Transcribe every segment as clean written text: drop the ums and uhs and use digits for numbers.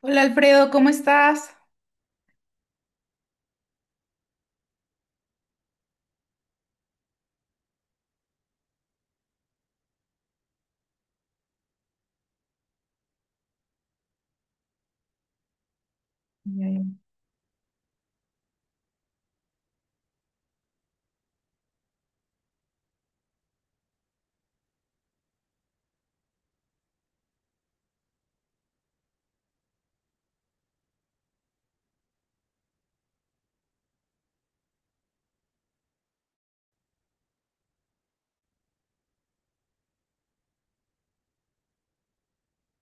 Hola Alfredo, ¿cómo estás?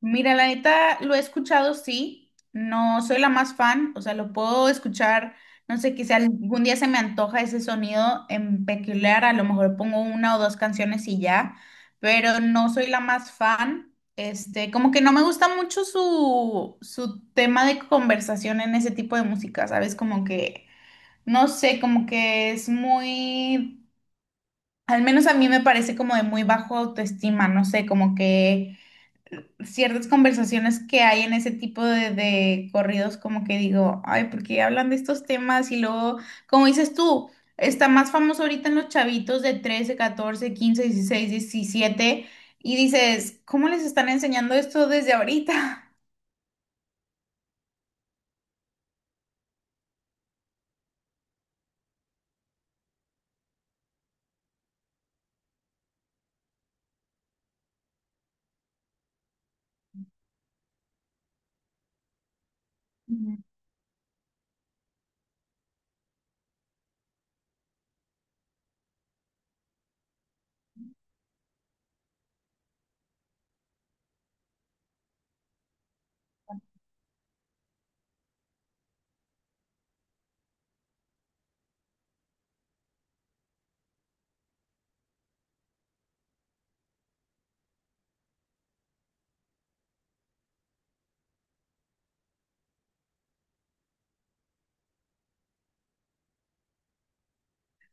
Mira, la neta lo he escuchado, sí. No soy la más fan, o sea, lo puedo escuchar, no sé, quizá algún día se me antoja ese sonido en peculiar, a lo mejor pongo una o dos canciones y ya, pero no soy la más fan. Este, como que no me gusta mucho su tema de conversación en ese tipo de música, ¿sabes? Como que, no sé, como que es muy, al menos a mí me parece como de muy bajo autoestima, no sé, como que ciertas conversaciones que hay en ese tipo de corridos, como que digo, ay, ¿por qué hablan de estos temas? Y luego, como dices tú, está más famoso ahorita en los chavitos de 13, 14, 15, 16, 17 y dices, ¿cómo les están enseñando esto desde ahorita?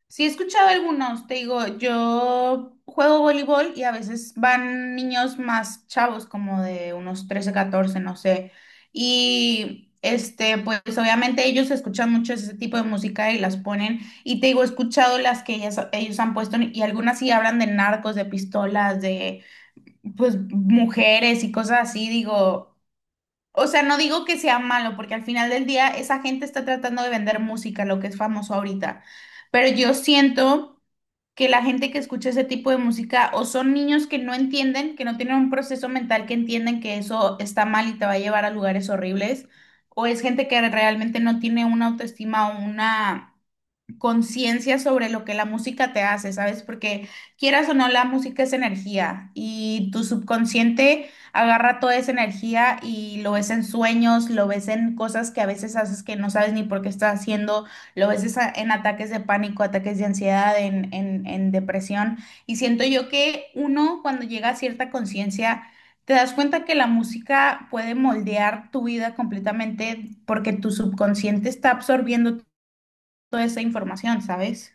Sí, he escuchado algunos, te digo, yo juego voleibol y a veces van niños más chavos, como de unos 13, 14, no sé. Y este, pues obviamente ellos escuchan mucho ese tipo de música y las ponen. Y te digo, he escuchado las que ellas, ellos han puesto y algunas sí hablan de narcos, de pistolas, de pues mujeres y cosas así. Digo, o sea, no digo que sea malo, porque al final del día esa gente está tratando de vender música, lo que es famoso ahorita. Pero yo siento que la gente que escucha ese tipo de música o son niños que no entienden, que no tienen un proceso mental que entienden que eso está mal y te va a llevar a lugares horribles, o es gente que realmente no tiene una autoestima o una conciencia sobre lo que la música te hace, ¿sabes? Porque quieras o no, la música es energía y tu subconsciente agarra toda esa energía y lo ves en sueños, lo ves en cosas que a veces haces que no sabes ni por qué estás haciendo, lo ves en ataques de pánico, ataques de ansiedad, en depresión. Y siento yo que uno cuando llega a cierta conciencia... Te das cuenta que la música puede moldear tu vida completamente porque tu subconsciente está absorbiendo toda esa información, ¿sabes?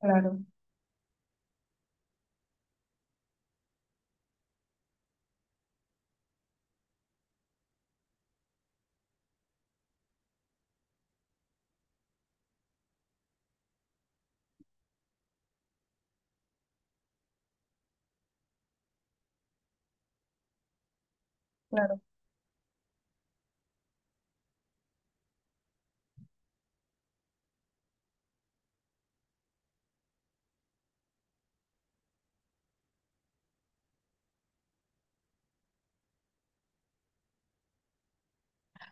Claro, claro.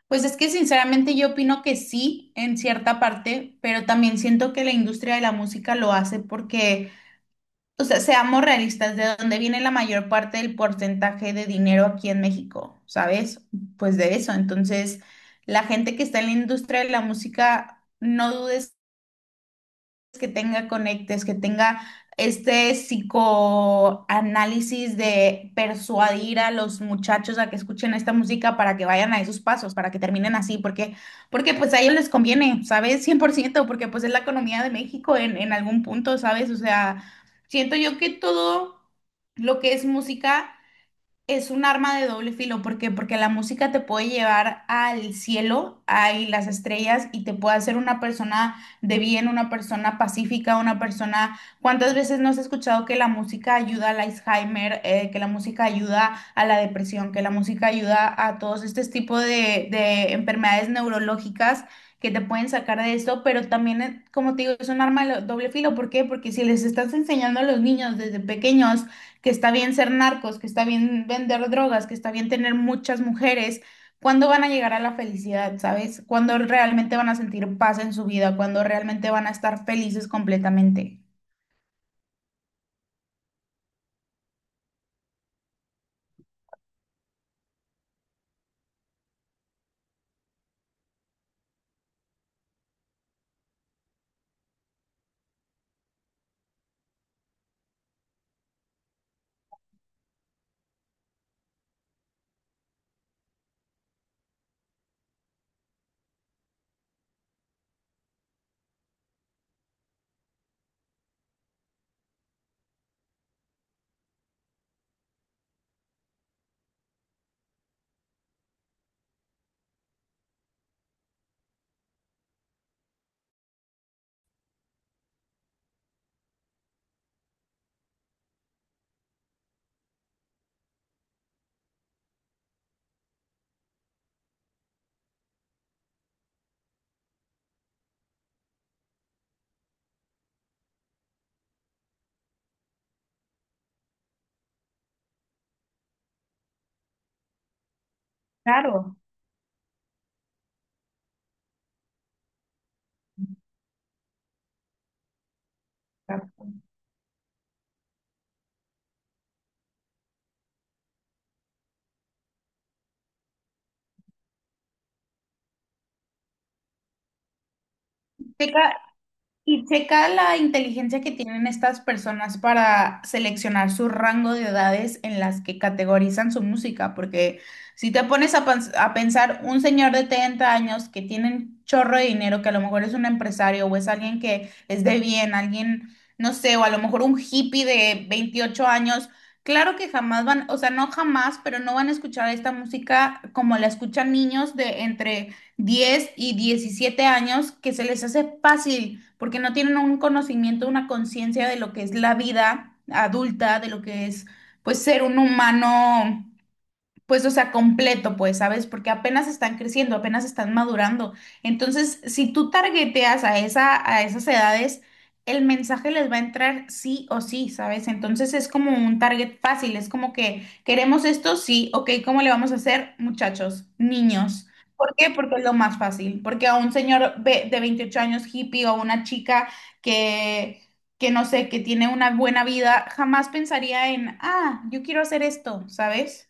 Pues es que sinceramente yo opino que sí, en cierta parte, pero también siento que la industria de la música lo hace porque, o sea, seamos realistas, de dónde viene la mayor parte del porcentaje de dinero aquí en México, ¿sabes? Pues de eso. Entonces, la gente que está en la industria de la música, no dudes que tenga conectes, que tenga este psicoanálisis de persuadir a los muchachos a que escuchen esta música para que vayan a esos pasos, para que terminen así, porque, porque pues a ellos les conviene, ¿sabes? 100%, porque pues es la economía de México en algún punto, ¿sabes? O sea, siento yo que todo lo que es música es un arma de doble filo, ¿por qué? Porque la música te puede llevar al cielo, a las estrellas y te puede hacer una persona de bien, una persona pacífica, una persona... ¿Cuántas veces no has escuchado que la música ayuda al Alzheimer, que la música ayuda a la depresión, que la música ayuda a todos estos tipos de enfermedades neurológicas que te pueden sacar de esto? Pero también, como te digo, es un arma de doble filo, ¿por qué? Porque si les estás enseñando a los niños desde pequeños, que está bien ser narcos, que está bien vender drogas, que está bien tener muchas mujeres, ¿cuándo van a llegar a la felicidad, sabes? ¿Cuándo realmente van a sentir paz en su vida? ¿Cuándo realmente van a estar felices completamente? Claro, claro. Chica, y checa la inteligencia que tienen estas personas para seleccionar su rango de edades en las que categorizan su música, porque si te pones a pensar un señor de 30 años que tiene un chorro de dinero, que a lo mejor es un empresario o es alguien que es de bien, alguien, no sé, o a lo mejor un hippie de 28 años, claro que jamás van, o sea, no jamás, pero no van a escuchar esta música como la escuchan niños de entre 10 y 17 años que se les hace fácil porque no tienen un conocimiento, una conciencia de lo que es la vida adulta, de lo que es pues ser un humano pues, o sea, completo, pues, ¿sabes? Porque apenas están creciendo, apenas están madurando. Entonces, si tú targeteas a esa, a esas edades, el mensaje les va a entrar sí o sí, ¿sabes? Entonces es como un target fácil, es como que queremos esto, sí, ok, ¿cómo le vamos a hacer, muchachos, niños? ¿Por qué? Porque es lo más fácil. Porque a un señor de 28 años hippie o a una chica que, no sé, que tiene una buena vida, jamás pensaría en, ah, yo quiero hacer esto, ¿sabes?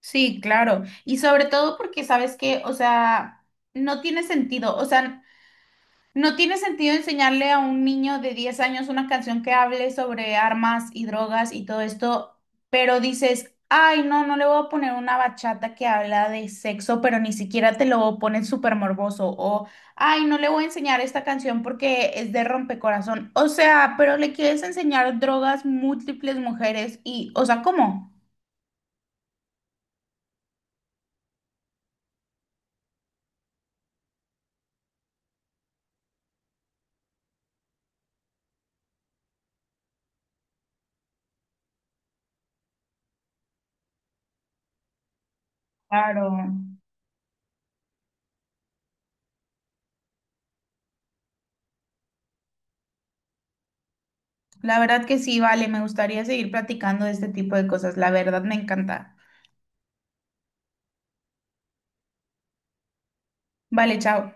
Sí, claro. Y sobre todo porque sabes que, o sea, no tiene sentido, o sea, no tiene sentido enseñarle a un niño de 10 años una canción que hable sobre armas y drogas y todo esto, pero dices, ay, no, no le voy a poner una bachata que habla de sexo, pero ni siquiera te lo ponen súper morboso, o ay, no le voy a enseñar esta canción porque es de rompecorazón, o sea, pero le quieres enseñar drogas, múltiples mujeres y, o sea, ¿cómo? Claro. La verdad que sí, vale, me gustaría seguir platicando de este tipo de cosas. La verdad me encanta. Vale, chao.